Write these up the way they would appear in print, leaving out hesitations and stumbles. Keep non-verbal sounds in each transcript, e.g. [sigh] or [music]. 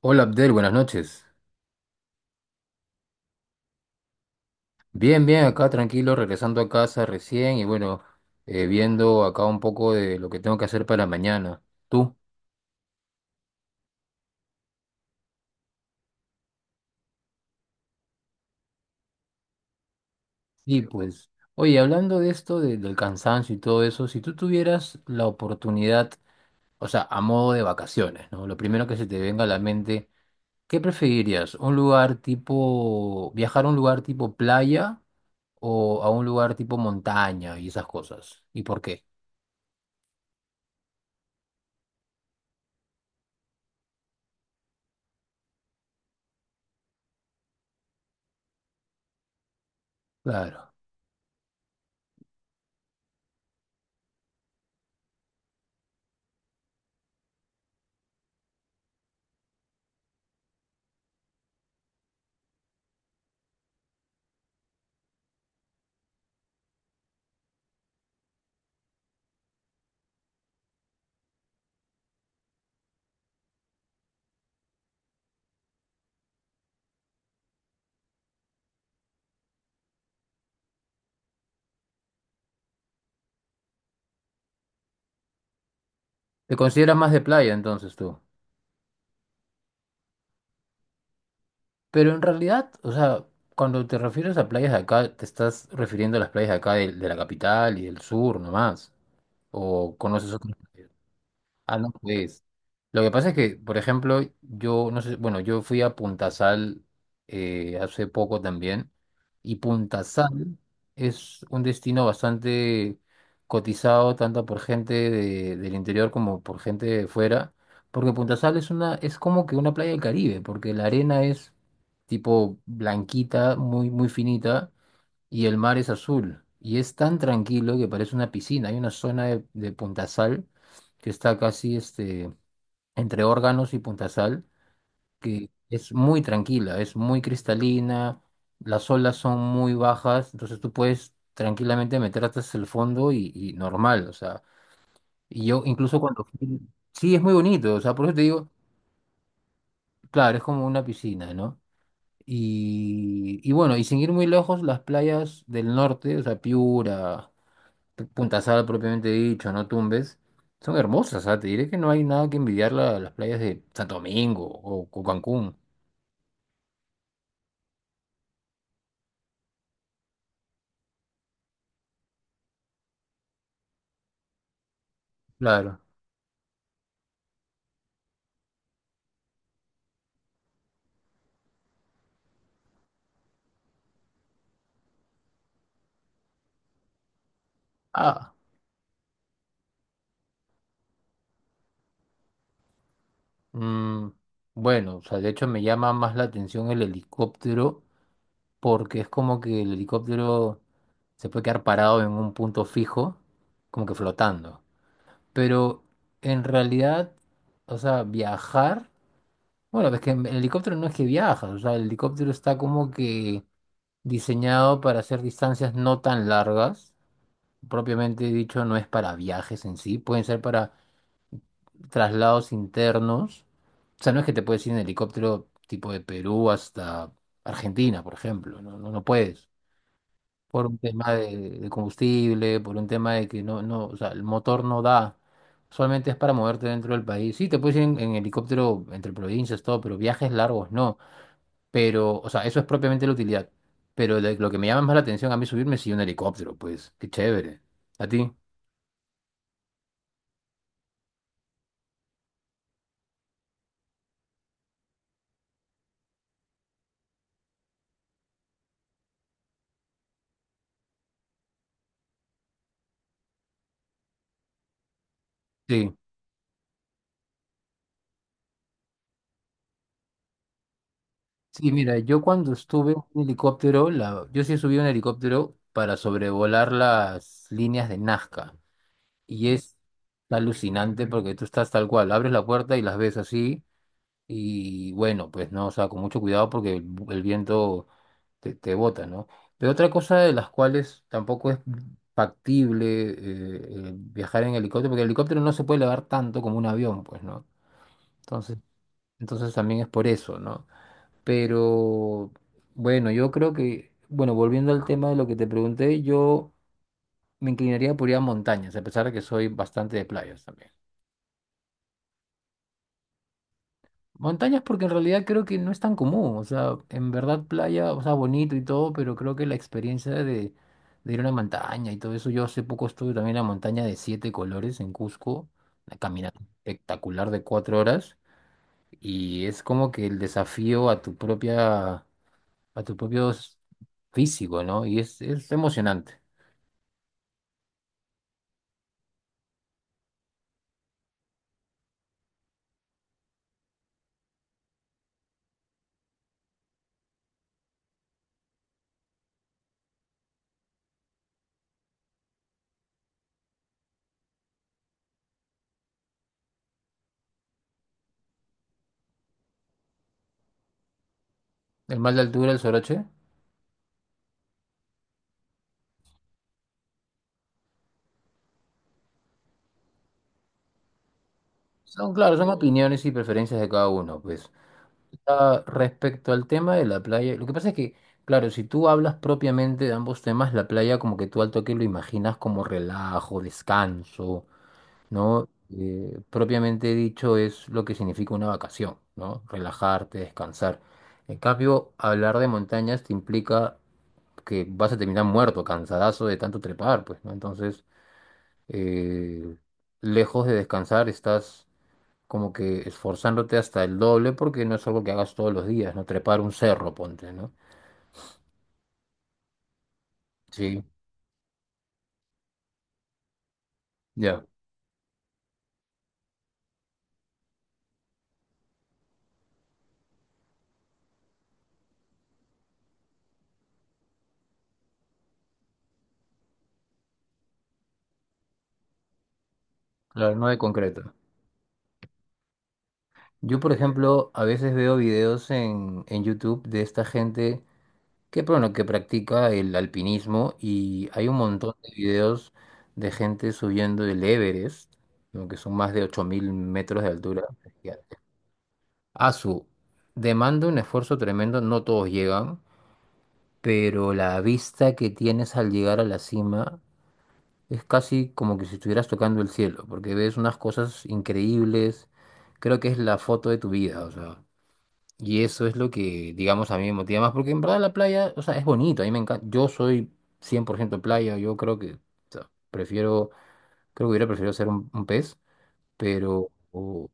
Hola Abdel, buenas noches. Bien, bien, acá tranquilo, regresando a casa recién y bueno, viendo acá un poco de lo que tengo que hacer para mañana. ¿Tú? Sí, pues. Oye, hablando de esto, del cansancio y todo eso, si tú tuvieras la oportunidad, o sea, a modo de vacaciones, ¿no? Lo primero que se te venga a la mente, ¿qué preferirías? ¿Un lugar tipo, viajar a un lugar tipo playa o a un lugar tipo montaña y esas cosas? ¿Y por qué? Claro. ¿Te consideras más de playa entonces tú? Pero en realidad, o sea, cuando te refieres a playas de acá, te estás refiriendo a las playas de acá de, la capital y del sur nomás. ¿O conoces otras? Ah, no, pues. Lo que pasa es que, por ejemplo, yo no sé, bueno, yo fui a Puntasal hace poco también, y Puntasal es un destino bastante cotizado tanto por gente del interior como por gente de fuera, porque Puntasal es una, es como que una playa del Caribe, porque la arena es tipo blanquita, muy, muy finita y el mar es azul. Y es tan tranquilo que parece una piscina. Hay una zona de Puntasal que está casi este, entre Órganos y Puntasal, que es muy tranquila, es muy cristalina, las olas son muy bajas, entonces tú puedes tranquilamente meter hasta el fondo y normal, o sea, y yo incluso Sí, es muy bonito, o sea, por eso te digo, claro, es como una piscina, ¿no? Y bueno, y sin ir muy lejos, las playas del norte, o sea, Piura. Puntasal propiamente dicho, no Tumbes, son hermosas, ¿ah? Te diré que no hay nada que envidiar las playas de Santo Domingo o Cancún. Claro. Ah, mm, bueno, o sea, de hecho me llama más la atención el helicóptero porque es como que el helicóptero se puede quedar parado en un punto fijo, como que flotando. Pero en realidad, o sea, viajar, bueno, es que en el helicóptero no es que viajas, o sea, el helicóptero está como que diseñado para hacer distancias no tan largas, propiamente dicho, no es para viajes en sí, pueden ser para traslados internos. O sea, no es que te puedes ir en helicóptero tipo de Perú hasta Argentina, por ejemplo, no, no, no puedes. Por un tema de combustible, por un tema de que no, no, o sea, el motor no da. Solamente es para moverte dentro del país. Sí, te puedes ir en helicóptero entre provincias, todo, pero viajes largos no. Pero, o sea, eso es propiamente la utilidad. Pero lo que me llama más la atención a mí subirme es sí un helicóptero, pues, qué chévere. ¿A ti? Sí. Sí, mira, yo cuando estuve en un helicóptero, la, yo sí subí un helicóptero para sobrevolar las líneas de Nazca. Y es alucinante porque tú estás tal cual, abres la puerta y las ves así. Y bueno, pues no, o sea, con mucho cuidado porque el viento te bota, ¿no? Pero otra cosa de las cuales tampoco es factible viajar en helicóptero, porque el helicóptero no se puede elevar tanto como un avión, pues, ¿no? Entonces, entonces también es por eso, ¿no? Pero bueno, yo creo que, bueno, volviendo al tema de lo que te pregunté, yo me inclinaría por ir a montañas, a pesar de que soy bastante de playas también. Montañas porque en realidad creo que no es tan común, o sea, en verdad playa, o sea, bonito y todo, pero creo que la experiencia de ir a una montaña y todo eso, yo hace poco estuve también en la montaña de siete colores en Cusco, una caminata espectacular de 4 horas, y es como que el desafío a tu propia, a tu propio físico, ¿no? Y es emocionante. El mal de altura, el soroche, son, claro, son opiniones y preferencias de cada uno, pues. Ah, respecto al tema de la playa, lo que pasa es que, claro, si tú hablas propiamente de ambos temas, la playa como que tú al toque lo imaginas como relajo, descanso, ¿no? Propiamente dicho es lo que significa una vacación, ¿no? Relajarte, descansar. En cambio, hablar de montañas te implica que vas a terminar muerto, cansadazo de tanto trepar, pues, ¿no? Entonces, eh, lejos de descansar, estás como que esforzándote hasta el doble porque no es algo que hagas todos los días, ¿no? Trepar un cerro, ponte, ¿no? Sí, ya, claro, no de concreto. Yo, por ejemplo, a veces veo videos en YouTube de esta gente que, bueno, que practica el alpinismo y hay un montón de videos de gente subiendo el Everest, ¿no? Que son más de 8.000 metros de altura. A su demanda un esfuerzo tremendo, no todos llegan, pero la vista que tienes al llegar a la cima es casi como que si estuvieras tocando el cielo, porque ves unas cosas increíbles. Creo que es la foto de tu vida, o sea. Y eso es lo que, digamos, a mí me motiva más, porque en verdad la playa, o sea, es bonito, a mí me encanta. Yo soy 100% playa, yo creo que, o sea, prefiero, creo que hubiera preferido ser un pez, pero, o,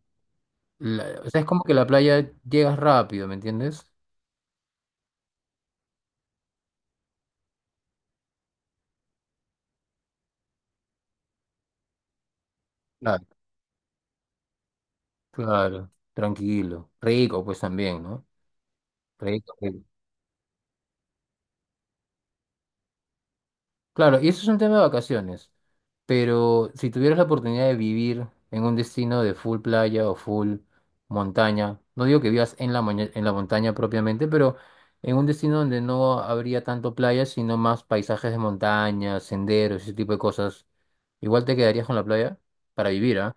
la- o sea, es como que la playa llegas rápido, ¿me entiendes? Claro. Claro, tranquilo. Rico, pues también, ¿no? Rico. Rico. Claro, y eso es un tema de vacaciones, pero si tuvieras la oportunidad de vivir en un destino de full playa o full montaña, no digo que vivas en la, en la montaña propiamente, pero en un destino donde no habría tanto playa, sino más paisajes de montaña, senderos, ese tipo de cosas, igual te quedarías con la playa para vivir, ¿ah?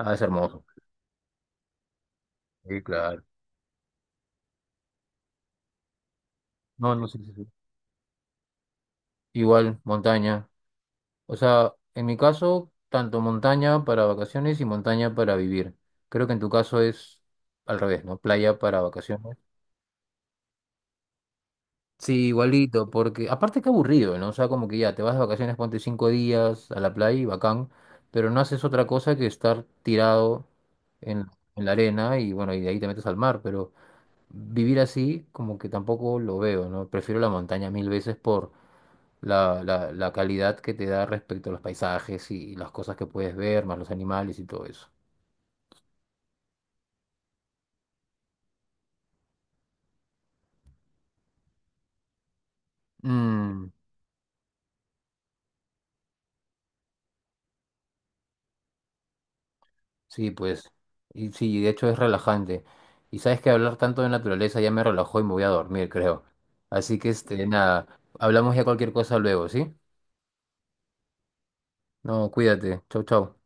Ah, es hermoso. Sí, claro. No, no, sí, sí, sí. Igual, montaña. O sea, en mi caso, tanto montaña para vacaciones y montaña para vivir. Creo que en tu caso es al revés, ¿no? Playa para vacaciones. Sí, igualito, porque aparte qué aburrido, ¿no? O sea, como que ya te vas de vacaciones, ponte 5 días a la playa y bacán, pero no haces otra cosa que estar tirado en, en la arena y bueno, y de ahí te metes al mar, pero vivir así como que tampoco lo veo, ¿no? Prefiero la montaña mil veces la calidad que te da respecto a los paisajes y, las cosas que puedes ver, más los animales y todo eso. Mm, sí, pues. Y sí, de hecho es relajante. Y sabes que hablar tanto de naturaleza ya me relajó y me voy a dormir, [laughs] creo. Así que este, nada, hablamos ya cualquier cosa luego, ¿sí? No, cuídate. Chau, chau.